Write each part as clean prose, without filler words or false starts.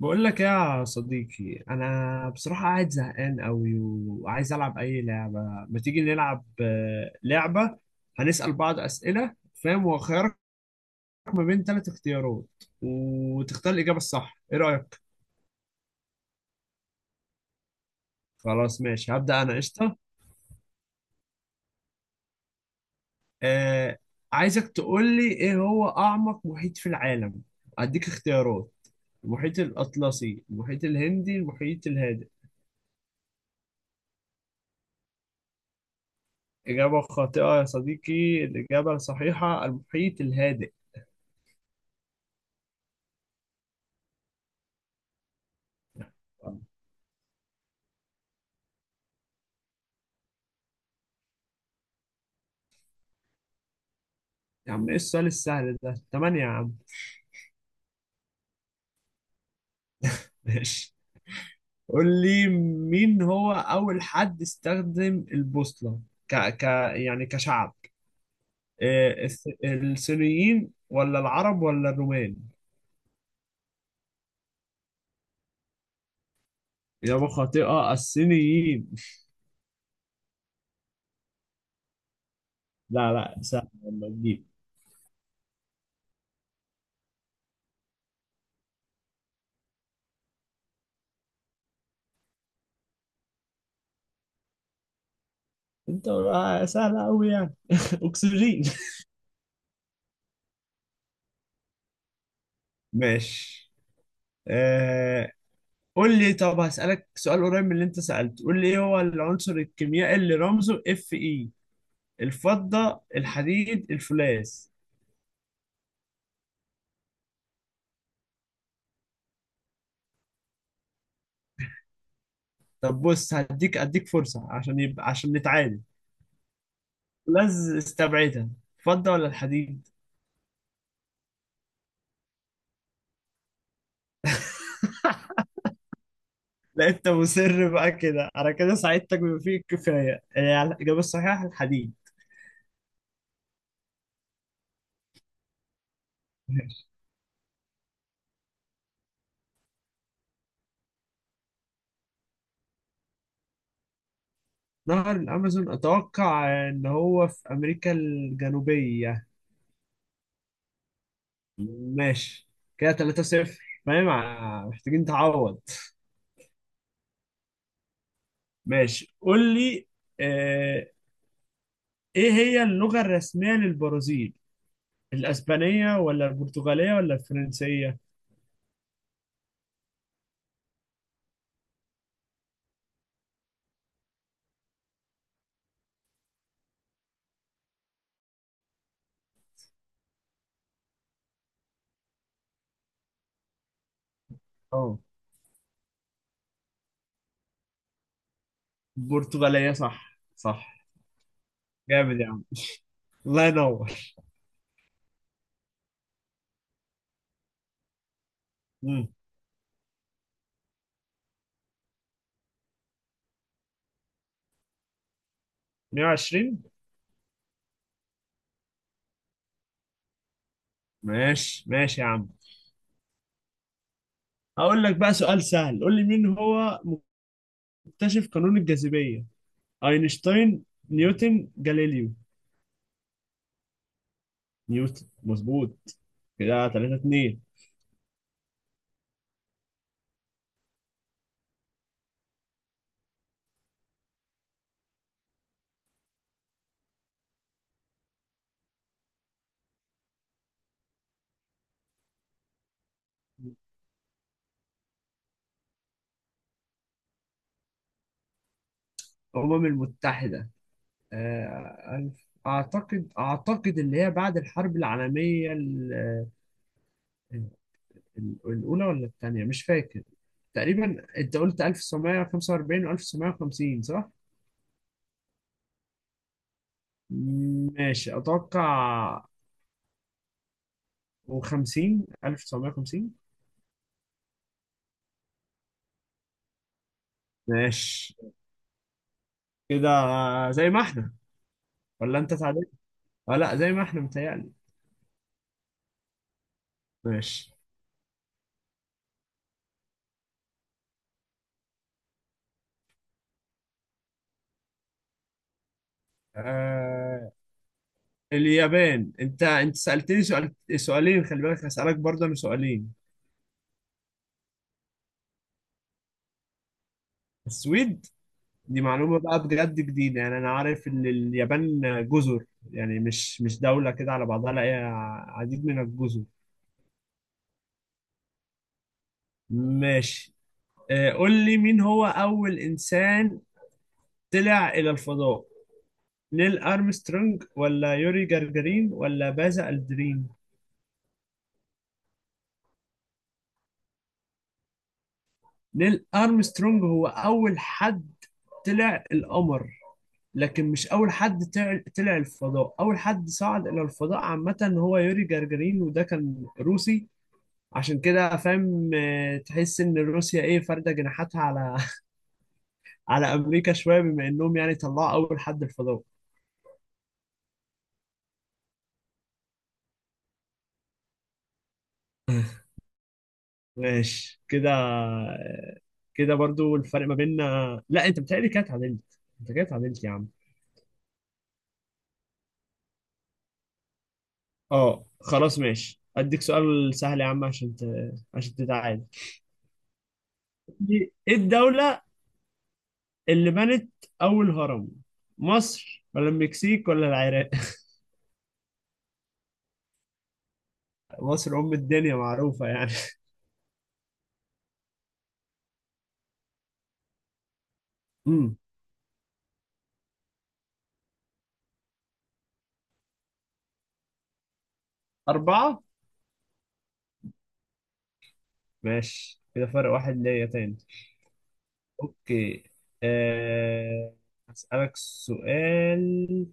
بقول لك يا صديقي، انا بصراحه قاعد زهقان قوي وعايز العب اي لعبه. ما تيجي نلعب لعبه؟ هنسال بعض اسئله، فاهم؟ وخيارك ما بين ثلاث اختيارات، وتختار الاجابه الصح. ايه رايك؟ خلاص ماشي، هبدا انا. قشطه. آه. عايزك تقول لي، ايه هو اعمق محيط في العالم؟ اديك اختيارات: المحيط الاطلسي، المحيط الهندي، المحيط الهادئ. إجابة خاطئة يا صديقي، الإجابة الصحيحة المحيط الهادئ. يا عم، ايه السؤال السهل ده؟ تمانية يا عم. ماشي. قول لي مين هو أول حد استخدم البوصلة، ك... ك... يعني كشعب. إيه، الصينيين ولا العرب ولا الرومان؟ إجابة خاطئة، الصينيين. لا لا، سهل لما تجيب. انت بقى سهل أوي يعني. أكسجين. ماشي. آه... قول لي، طب هسألك سؤال قريب من اللي انت سألته. قول لي ايه هو العنصر الكيميائي اللي رمزه Fe؟ الفضة، الحديد، الفولاذ. طب بص، اديك فرصة عشان يبقى عشان نتعادل. فولاذ استبعدها. فضة ولا الحديد؟ لا، انت مصر بقى كده، انا كده ساعدتك بما فيه الكفاية. الإجابة الصحيحة الحديد. ماشي. نهر الأمازون أتوقع إن هو في أمريكا الجنوبية. ماشي، كده 3 صفر. فاهم؟ محتاجين تعوض. ماشي، قول لي. آه، إيه هي اللغة الرسمية للبرازيل؟ الاسبانيه ولا البرتغاليه ولا الفرنسيه؟ اه، البرتغاليه. صح، صح. جامد يا عم. الله ينور. امم 120. ماشي ماشي يا عم. هقول لك بقى سؤال سهل. قول لي مين هو مكتشف قانون الجاذبيه؟ اينشتاين، نيوتن، جاليليو؟ نيوتن، مظبوط. كده 3 2. الامم المتحده، اعتقد اللي هي بعد الحرب العالميه الأولى ولا التانية، مش فاكر. تقريبا أنت قلت 1945 و1950 صح؟ ماشي، أتوقع و50 1950. ماشي، كده زي ما احنا، ولا أنت تعادلت؟ لا، زي ما احنا متهيألي. ماشي. آه اليابان. أنت سألتني سؤالين. خلي بالك هسألك برضه أنا سؤالين. السويد؟ دي معلومة بقى بجد جديدة يعني. أنا عارف إن اليابان جزر، يعني مش دولة كده على بعضها، لا هي عديد من الجزر. ماشي. قول لي مين هو أول إنسان طلع إلى الفضاء؟ نيل أرمسترونج، ولا يوري جagarin، ولا باز ألدرين؟ نيل أرمسترونج هو أول حد طلع القمر، لكن مش أول حد طلع الفضاء. أول حد صعد إلى الفضاء عامة هو يوري جagarin، وده كان روسي. عشان كده فاهم؟ تحس ان روسيا ايه، فارده جناحاتها على على امريكا شويه، بما انهم يعني طلعوا اول حد الفضاء. ماشي كده، كده برضو الفرق ما بيننا. لا انت بتهيألي كده اتعادلت، انت كده اتعادلت يا عم. اه خلاص ماشي، اديك سؤال سهل يا عم عشان عشان تتعادل. ايه الدولة اللي بنت اول هرم؟ مصر، ولا المكسيك، ولا العراق؟ مصر ام الدنيا، معروفة يعني. امم أربعة. ماشي، كده فرق واحد ليا تاني. اوكي. أه... هسألك سؤال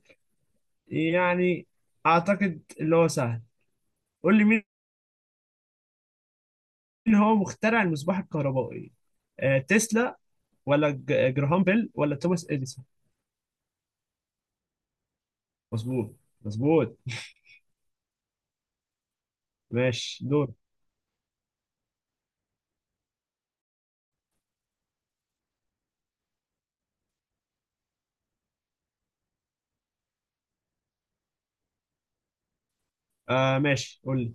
يعني، اعتقد اللي هو سهل. قول لي مين هو مخترع المصباح الكهربائي؟ تسلا، ولا جراهام بيل، ولا توماس اديسون؟ مظبوط، مظبوط. ماشي، دور. ماشي، قول لي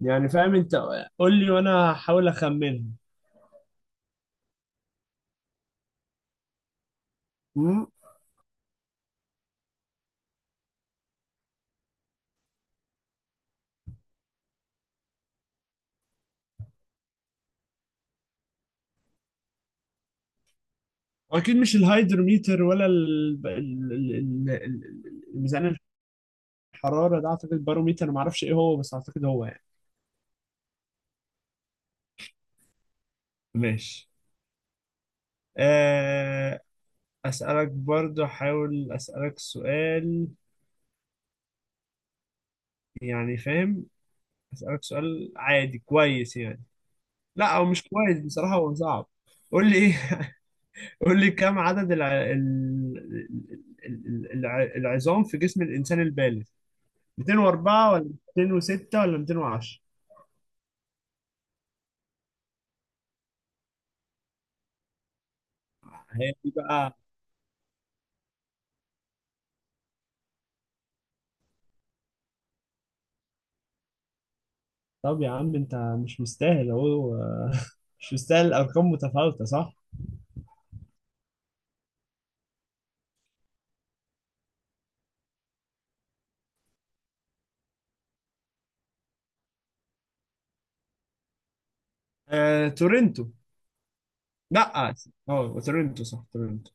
يعني، فاهم انت؟ قول لي وانا هحاول اخمنها. مم. اكيد مش الهايدروميتر، ولا الميزان الحرارة ده. أعتقد الباروميتر، معرفش إيه هو بس أعتقد هو يعني. ماشي. آه، أسألك برضو أحاول أسألك سؤال يعني، فاهم؟ أسألك سؤال عادي كويس يعني. لا، هو مش كويس بصراحة، هو صعب. قول لي إيه. قول لي كم عدد العظام في جسم الإنسان البالغ؟ 204 ولا 206 ولا 210؟ هي دي بقى. طب يا عم، أنت مش مستاهل أهو. مش مستاهل. الأرقام متفاوتة صح؟ تورنتو. لا، اه، تورنتو صح، تورنتو.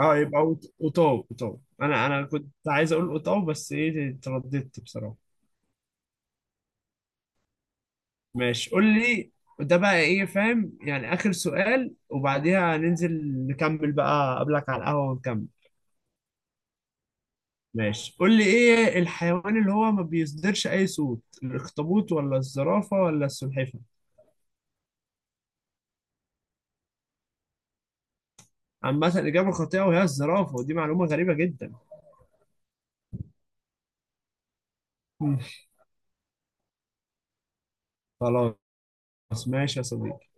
اه يبقى اوتاو. انا كنت عايز اقول اوتاو، بس ايه، ترددت بصراحة. ماشي، قول لي. ده بقى ايه، فاهم يعني. اخر سؤال وبعديها ننزل نكمل بقى قبلك على القهوة ونكمل. ماشي، قول لي ايه الحيوان اللي هو ما بيصدرش اي صوت؟ الاخطبوط، ولا الزرافة، ولا السلحفاة؟ عامة إجابة خاطئة، وهي الزرافة، ودي معلومة غريبة جدا. خلاص. ماشي يا صديقي.